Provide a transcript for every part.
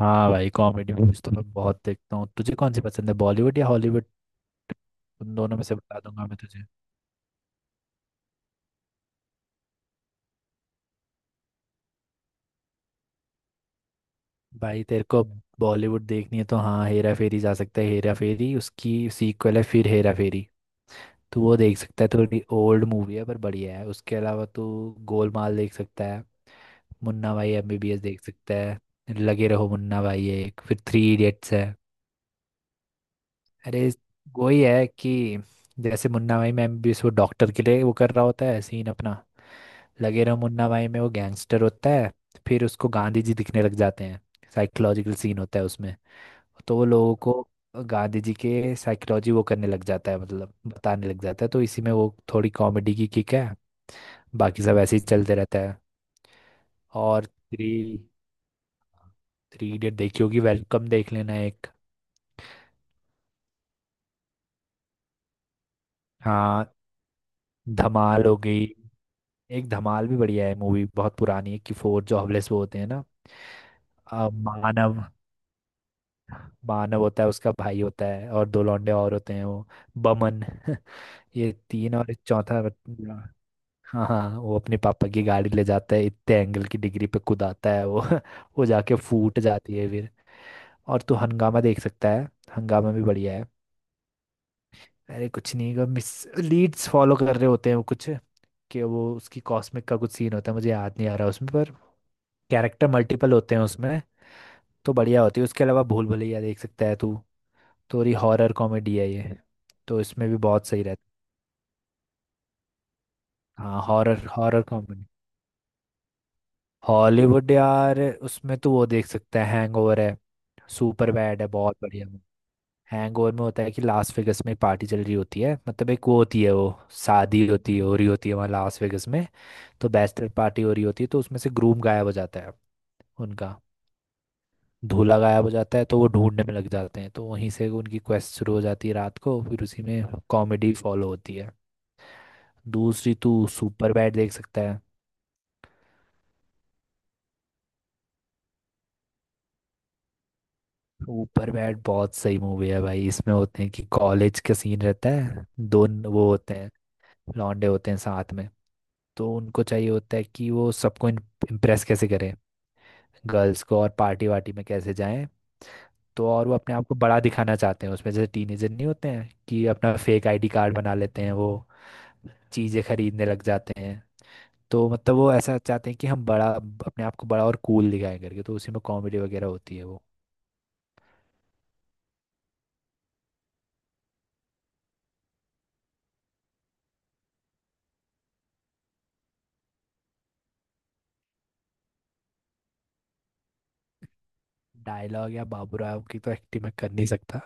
हाँ भाई, comedy movies तो मैं बहुत देखता हूँ। तुझे कौन सी पसंद है, बॉलीवुड या हॉलीवुड? उन दोनों में से बता दूंगा मैं तुझे। भाई, तेरे को बॉलीवुड देखनी है तो हाँ, हेरा फेरी जा सकता है। हेरा फेरी उसकी सीक्वल है, फिर हेरा फेरी तो वो देख सकता है। थोड़ी ओल्ड मूवी है पर बढ़िया है। उसके अलावा तो गोलमाल देख सकता है। मुन्ना भाई एमबीबीएस देख सकता है। लगे रहो मुन्ना भाई है एक, फिर थ्री इडियट्स है। अरे, वही है कि जैसे मुन्ना भाई में भी वो डॉक्टर के लिए वो कर रहा होता है सीन अपना। लगे रहो मुन्ना भाई में वो गैंगस्टर होता है। फिर उसको गांधी जी दिखने लग जाते हैं। साइकोलॉजिकल सीन होता है उसमें। तो वो लोगों को गांधी जी के साइकोलॉजी वो करने लग जाता है, मतलब बताने लग जाता है, तो इसी में वो थोड़ी कॉमेडी की किक है। बाकी सब ऐसे ही चलते रहता है। और थ्री थ्री इडियट देखी होगी, वेलकम देख लेना एक। हाँ, धमाल होगी। एक धमाल भी बढ़िया है, मूवी बहुत पुरानी है, कि फोर जो हवलेस वो होते हैं ना। अ, मानव मानव होता है, उसका भाई होता है और दो लौंडे और होते हैं वो, बमन। ये तीन और एक चौथा बंदा। हाँ, हाँ, वो अपने पापा की गाड़ी ले जाता है, इतने एंगल की डिग्री पे कूदाता है वो, वो जाके फूट जाती है फिर। और तू हंगामा देख सकता है। हंगामा भी बढ़िया है। अरे कुछ नहीं, का मिस लीड्स फॉलो कर रहे होते हैं वो कुछ, कि वो उसकी कॉस्मिक का कुछ सीन होता है, मुझे याद नहीं आ रहा उसमें, पर कैरेक्टर मल्टीपल होते हैं उसमें। तो बढ़िया होती है। उसके अलावा भूल भुलैया देख सकता है तू। थोड़ी हॉरर कॉमेडी है ये। तो इसमें भी बहुत सही रहता है। हाँ, हॉरर, हॉरर कॉमेडी। हॉलीवुड यार, उसमें तो वो देख सकता है, हैंगओवर है। सुपर बैड है, बहुत बढ़िया। हैंगओवर में होता है कि लास वेगस में एक पार्टी चल रही होती है, मतलब एक वो होती है वो, शादी होती है, हो रही होती है वहाँ लास वेगस में। तो बैचलर पार्टी हो रही होती है, तो उसमें से ग्रूम गायब हो जाता है उनका, धूला गायब हो जाता है, तो वो ढूंढने में लग जाते हैं, तो वहीं से उनकी क्वेस्ट शुरू हो जाती है रात को, फिर उसी में कॉमेडी फॉलो होती है। दूसरी, तू सुपर बैड देख सकता है। ऊपर बैड बहुत सही मूवी है भाई, इसमें होते हैं कि कॉलेज का सीन रहता है, दो वो होते हैं, लौंडे होते हैं साथ में। तो उनको चाहिए होता है कि वो सबको इम्प्रेस कैसे करें, गर्ल्स को, और पार्टी वार्टी में कैसे जाएं। तो और वो अपने आप को बड़ा दिखाना चाहते हैं उसमें, जैसे टीनेजर नहीं होते हैं कि अपना फेक आईडी कार्ड बना लेते हैं, वो चीज़ें खरीदने लग जाते हैं। तो मतलब वो ऐसा चाहते हैं कि हम बड़ा, अपने आप को बड़ा और कूल दिखाएं करके, तो उसी में कॉमेडी वगैरह होती है वो। डायलॉग, या बाबू राव की तो एक्टिंग मैं कर नहीं सकता।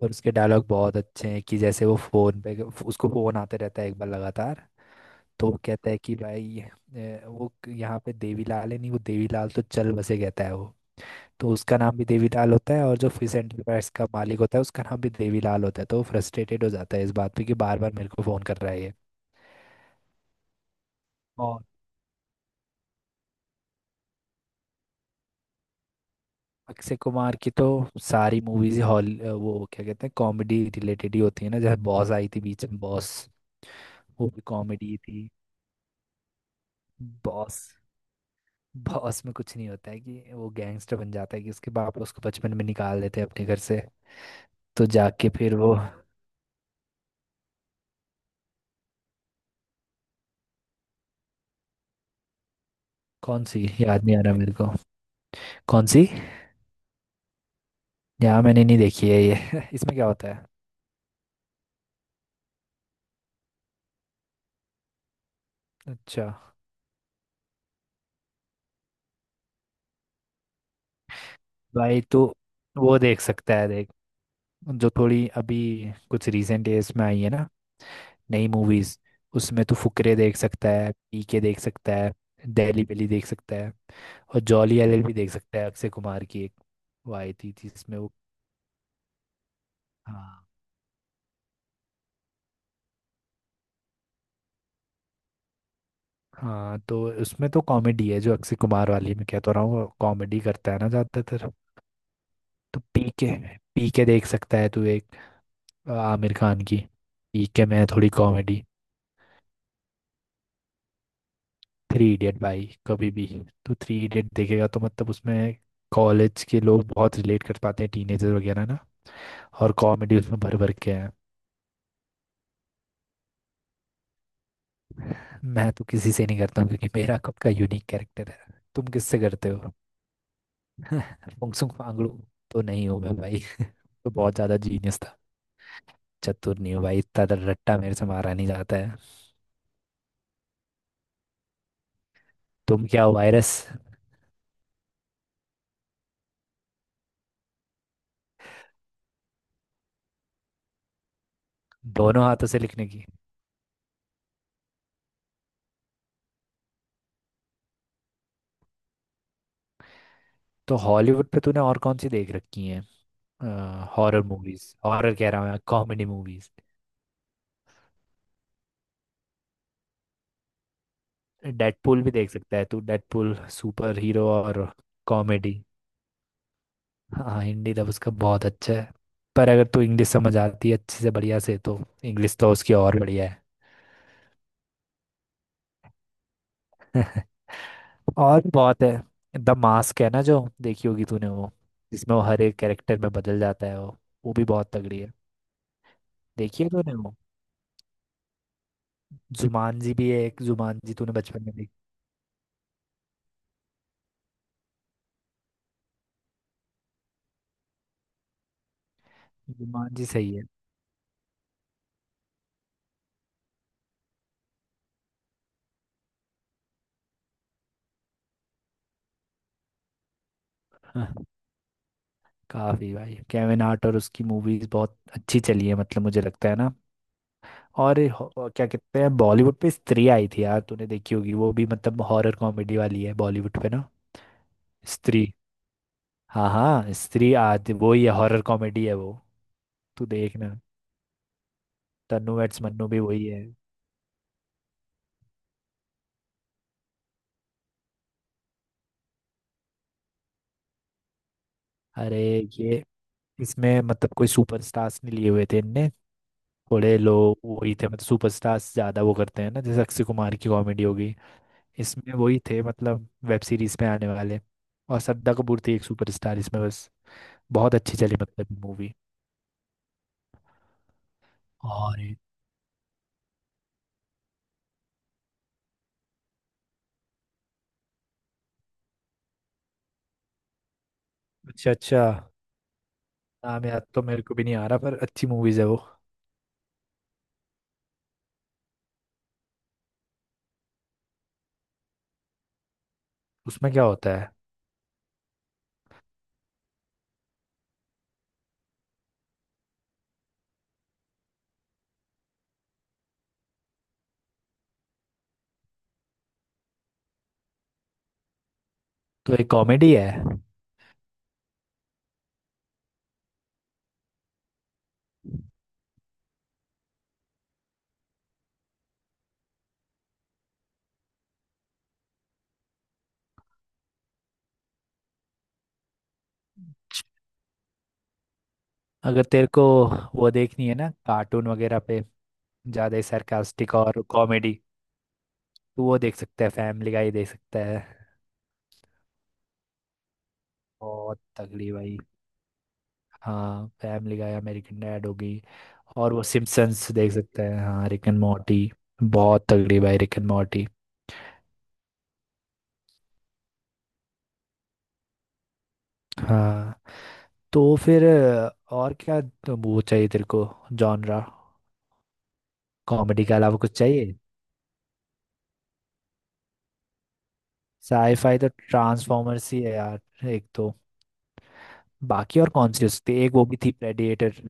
पर उसके डायलॉग बहुत अच्छे हैं, कि जैसे वो फोन पे उसको फोन आते रहता है एक बार लगातार। तो वो कहता है कि भाई, वो यहाँ पे देवीलाल है नहीं, वो देवीलाल तो चल बसे, कहता है वो। तो उसका नाम भी देवीलाल होता है, और जो फिश एंटरप्राइज का मालिक होता है उसका नाम भी देवीलाल होता है, तो वो फ्रस्ट्रेटेड हो जाता है इस बात पे कि बार बार मेरे को फ़ोन कर रहा है ये। अक्षय कुमार की तो सारी मूवीज, हॉल वो क्या कहते हैं, कॉमेडी रिलेटेड ही होती है ना, जैसे बॉस आई थी बीच में, बॉस, वो भी कॉमेडी थी। बॉस, बॉस में कुछ नहीं होता है, कि वो गैंगस्टर बन जाता है, कि उसके बाप उसको बचपन में निकाल देते हैं अपने घर से। तो जाके फिर वो, कौन सी याद नहीं आ रहा मेरे को, कौन सी। यहाँ मैंने नहीं देखी है ये। इसमें क्या होता है? अच्छा, भाई तो वो देख सकता है, देख, जो थोड़ी अभी कुछ रिसेंट एज में आई है ना, नई मूवीज। उसमें तो फुकरे देख सकता है, पीके देख सकता है, दहली बेली देख सकता है, और जॉली एल एल भी देख सकता है, अक्षय कुमार की एक। वो आई थी, जिसमें वो। हाँ हाँ, तो उसमें तो कॉमेडी है, जो अक्षय कुमार वाली मैं कहता रहा हूँ, कॉमेडी करता है ना ज्यादातर। तो पीके, पीके देख सकता है तू एक, आमिर खान की। पीके में है थोड़ी कॉमेडी। थ्री इडियट भाई, कभी भी तू थ्री इडियट देखेगा तो मतलब उसमें कॉलेज के लोग बहुत रिलेट कर पाते हैं, टीनेजर वगैरह ना, और कॉमेडी उसमें भर भर के है। मैं तो किसी से नहीं करता हूँ, क्योंकि मेरा खुद का यूनिक कैरेक्टर है, तुम किससे करते हो? फुंगसुक फांगड़ू तो नहीं हो मैं भाई। तो बहुत ज्यादा जीनियस था। चतुर नहीं हो भाई, इतना ज्यादा रट्टा मेरे से मारा नहीं जाता है। तुम क्या हो, वायरस? दोनों हाथों से लिखने की। तो हॉलीवुड पे तूने और कौन सी देख रखी है? हॉरर मूवीज, हॉरर कह रहा हूँ, कॉमेडी मूवीज। डेडपूल भी देख सकता है तू, डेडपूल सुपर हीरो और कॉमेडी। हाँ, हिंदी तो उसका बहुत अच्छा है। पर अगर तू इंग्लिश समझ आती है अच्छे से, बढ़िया से, तो इंग्लिश तो उसकी और बढ़िया है। और भी बहुत है। द मास्क है ना, जो देखी होगी तूने वो, जिसमें वो हर एक कैरेक्टर में बदल जाता है वो भी बहुत तगड़ी है। देखी है तूने वो? जुमानजी भी है एक, जुमानजी तूने बचपन में देखी, जुमानजी सही है। हाँ, काफी भाई, केविन हार्ट और उसकी मूवीज बहुत अच्छी चली है, मतलब मुझे लगता है ना। और ये वो क्या कहते हैं, बॉलीवुड पे स्त्री आई थी यार, तूने देखी होगी वो भी, मतलब हॉरर कॉमेडी वाली है बॉलीवुड पे ना। स्त्री, हाँ हाँ, स्त्री आज वो ही है, हॉरर कॉमेडी है वो। तू देखना। तन्नू एड्स मन्नू भी वही है। अरे ये, इसमें मतलब कोई सुपरस्टार्स नहीं लिए हुए थे इनने। थोड़े लोग वही थे, मतलब सुपरस्टार्स ज्यादा वो करते हैं ना, जैसे अक्षय कुमार की कॉमेडी होगी, इसमें वही थे, मतलब वेब सीरीज में आने वाले। और श्रद्धा कपूर थी एक सुपरस्टार इसमें बस। बहुत अच्छी चली, मतलब मूवी। और अच्छा, अच्छा, नाम याद तो मेरे को भी नहीं आ रहा, पर अच्छी मूवीज है वो। उसमें क्या होता है? तो एक कॉमेडी है। अगर तेरे को वो देखनी है ना, कार्टून वगैरह पे ज्यादा सरकास्टिक और कॉमेडी, तो वो देख सकता है, फैमिली गाय देख सकता है। बहुत तगड़ी भाई। हाँ, फैमिली गाय, अमेरिकन डैड होगी। और वो सिम्पसन्स देख सकता है, हाँ, रिक एंड मॉर्टी। बहुत तगड़ी भाई रिक एंड मॉर्टी। हाँ, तो फिर और क्या, तो वो चाहिए तेरे को जॉनरा? कॉमेडी के अलावा कुछ चाहिए? साईफाई तो ट्रांसफॉर्मर्स ही है यार एक तो, बाकी और कौन सी हो सकती है, एक वो भी थी प्रेडिएटर,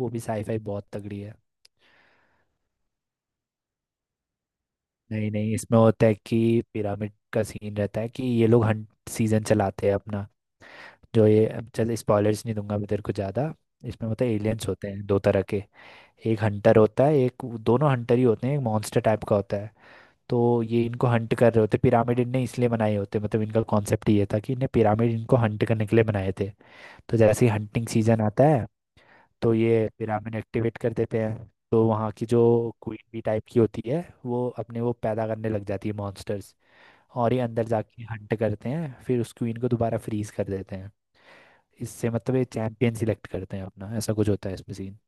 वो भी साईफाई बहुत तगड़ी है। नहीं नहीं, इसमें होता है कि पिरामिड का सीन रहता है, कि ये लोग हंट सीजन चलाते हैं अपना, जो ये, अब चल, स्पॉयलर्स नहीं दूंगा मैं तेरे को ज़्यादा। इसमें होता है, एलियंस होते हैं दो तरह के, एक हंटर होता है एक, दोनों हंटर ही होते हैं, एक मॉन्स्टर टाइप का होता है। तो ये इनको हंट कर रहे होते, पिरामिड इनने इसलिए बनाए होते, मतलब इनका कॉन्सेप्ट ये था कि इन्हें, पिरामिड इनको हंट करने के लिए बनाए थे। तो जैसे ही हंटिंग सीजन आता है, तो ये पिरामिड एक्टिवेट कर देते हैं। तो वहाँ की जो क्वीन बी टाइप की होती है, वो अपने वो पैदा करने लग जाती है, मॉन्स्टर्स। और ये अंदर जाके हंट करते हैं, फिर उस क्वीन को दोबारा फ्रीज कर देते हैं। इससे मतलब ये चैंपियन सिलेक्ट करते हैं अपना, ऐसा कुछ होता है इसमें सीन।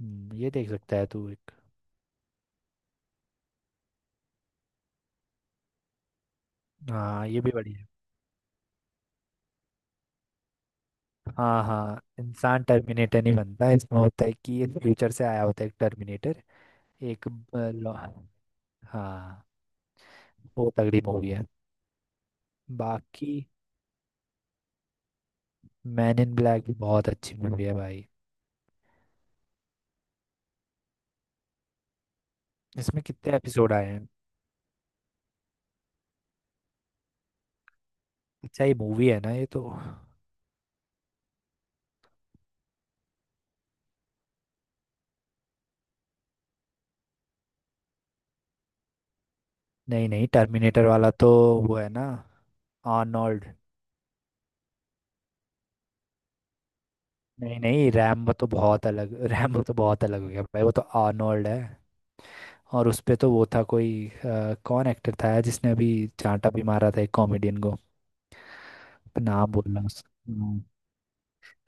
ये देख सकता है तू एक। हाँ, ये भी बढ़िया है। हाँ हाँ, इंसान टर्मिनेटर नहीं बनता, इसमें होता है कि ये फ्यूचर से आया होता है एक टर्मिनेटर। एक हाँ, बहुत तगड़ी मूवी है। बाकी मैन इन ब्लैक भी बहुत अच्छी मूवी है भाई। इसमें कितने एपिसोड आए हैं? अच्छा, ये मूवी है ना ये तो। नहीं नहीं, टर्मिनेटर वाला तो वो है ना, आर्नोल्ड। नहीं नहीं, रैम्बो तो बहुत अलग, रैम्बो तो बहुत अलग हो गया भाई, वो तो आर्नोल्ड है। और उस पे तो वो था कोई, कौन एक्टर था यार, जिसने अभी चांटा भी मारा था एक कॉमेडियन को, नाम बोल रहा हूँ उसका।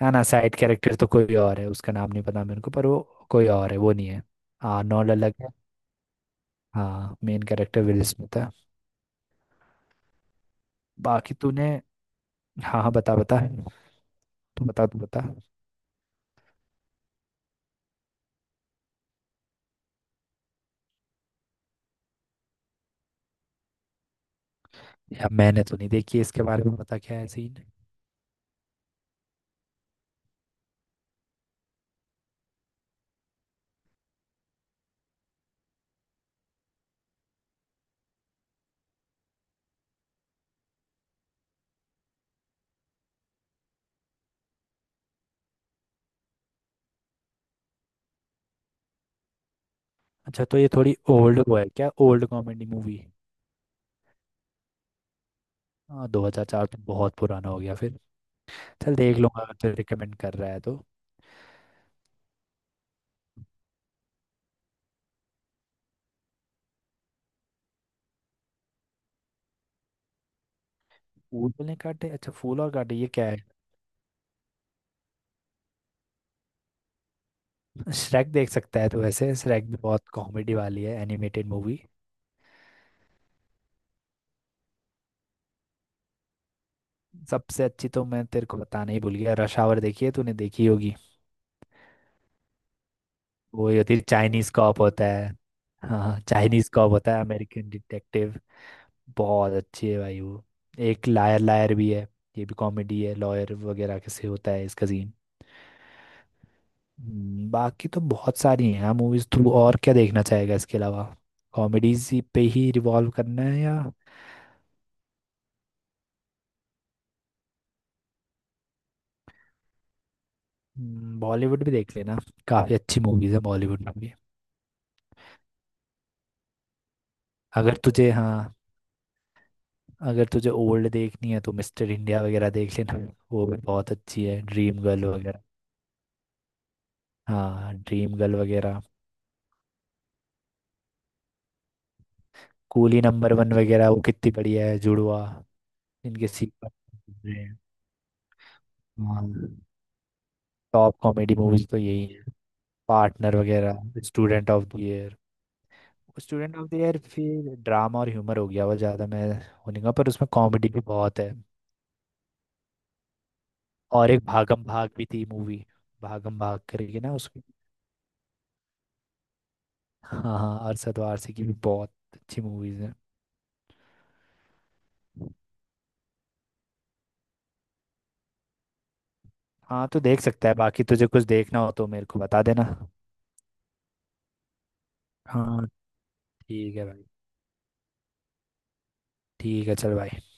ना ना, साइड कैरेक्टर तो कोई और है, उसका नाम नहीं पता मेरे को पर वो कोई और है, वो नहीं है। आर्नोल्ड अलग है। हाँ, मेन कैरेक्टर विल स्मिथ है। बाकी तूने, हाँ हाँ, बता बता, तू बता। या मैंने तो नहीं देखी है, इसके बारे में बता क्या है सीन। अच्छा तो ये थोड़ी ओल्ड वो है क्या, ओल्ड कॉमेडी मूवी? हाँ, 2004 तो बहुत पुराना हो गया फिर। चल देख लूंगा अगर तू रिकमेंड कर रहा है तो। फूल ने काटे, अच्छा फूल और काटे, ये क्या है? श्रेक देख सकता है तो, वैसे श्रेक भी बहुत कॉमेडी वाली है, एनिमेटेड मूवी। सबसे अच्छी तो मैं तेरे को बताना ही भूल गया, रश आवर देखी है तूने, देखी होगी। वो ये होती है, चाइनीज कॉप होता है। हाँ, चाइनीज कॉप होता है, अमेरिकन डिटेक्टिव, बहुत अच्छी है भाई वो। एक लायर लायर भी है, ये भी कॉमेडी है, लॉयर वगैरह कैसे होता है इसका सीन। बाकी तो बहुत सारी हैं मूवीज थ्रू, और क्या देखना चाहेगा इसके अलावा? कॉमेडीज पे ही रिवॉल्व करना है या? बॉलीवुड भी देख लेना, काफ़ी अच्छी मूवीज है बॉलीवुड में भी। अगर तुझे, हाँ, अगर तुझे ओल्ड देखनी है तो मिस्टर इंडिया वगैरह देख लेना, वो भी बहुत अच्छी है, ड्रीम गर्ल वगैरह। हाँ, ड्रीम गर्ल वगैरह। कूली नंबर वन वगैरह, वो कितनी बढ़िया है, जुड़वा। इनके सीक्वल रहे हैं। हाँ, टॉप कॉमेडी मूवीज तो यही है। पार्टनर वगैरह, Student of the Year. Student of the Year फिर ड्रामा और ह्यूमर हो गया वो ज़्यादा, मैं वो नहीं कहूँगा, पर उसमें कॉमेडी भी बहुत है। और एक भागम भाग भी थी मूवी, भागम भाग करके ना उसकी। हाँ हाँ, अरशद वारसी की भी बहुत अच्छी मूवीज हैं। हाँ तो देख सकता है, बाकी तुझे कुछ देखना हो तो मेरे को बता देना। हाँ, ठीक है भाई, ठीक है चल भाई।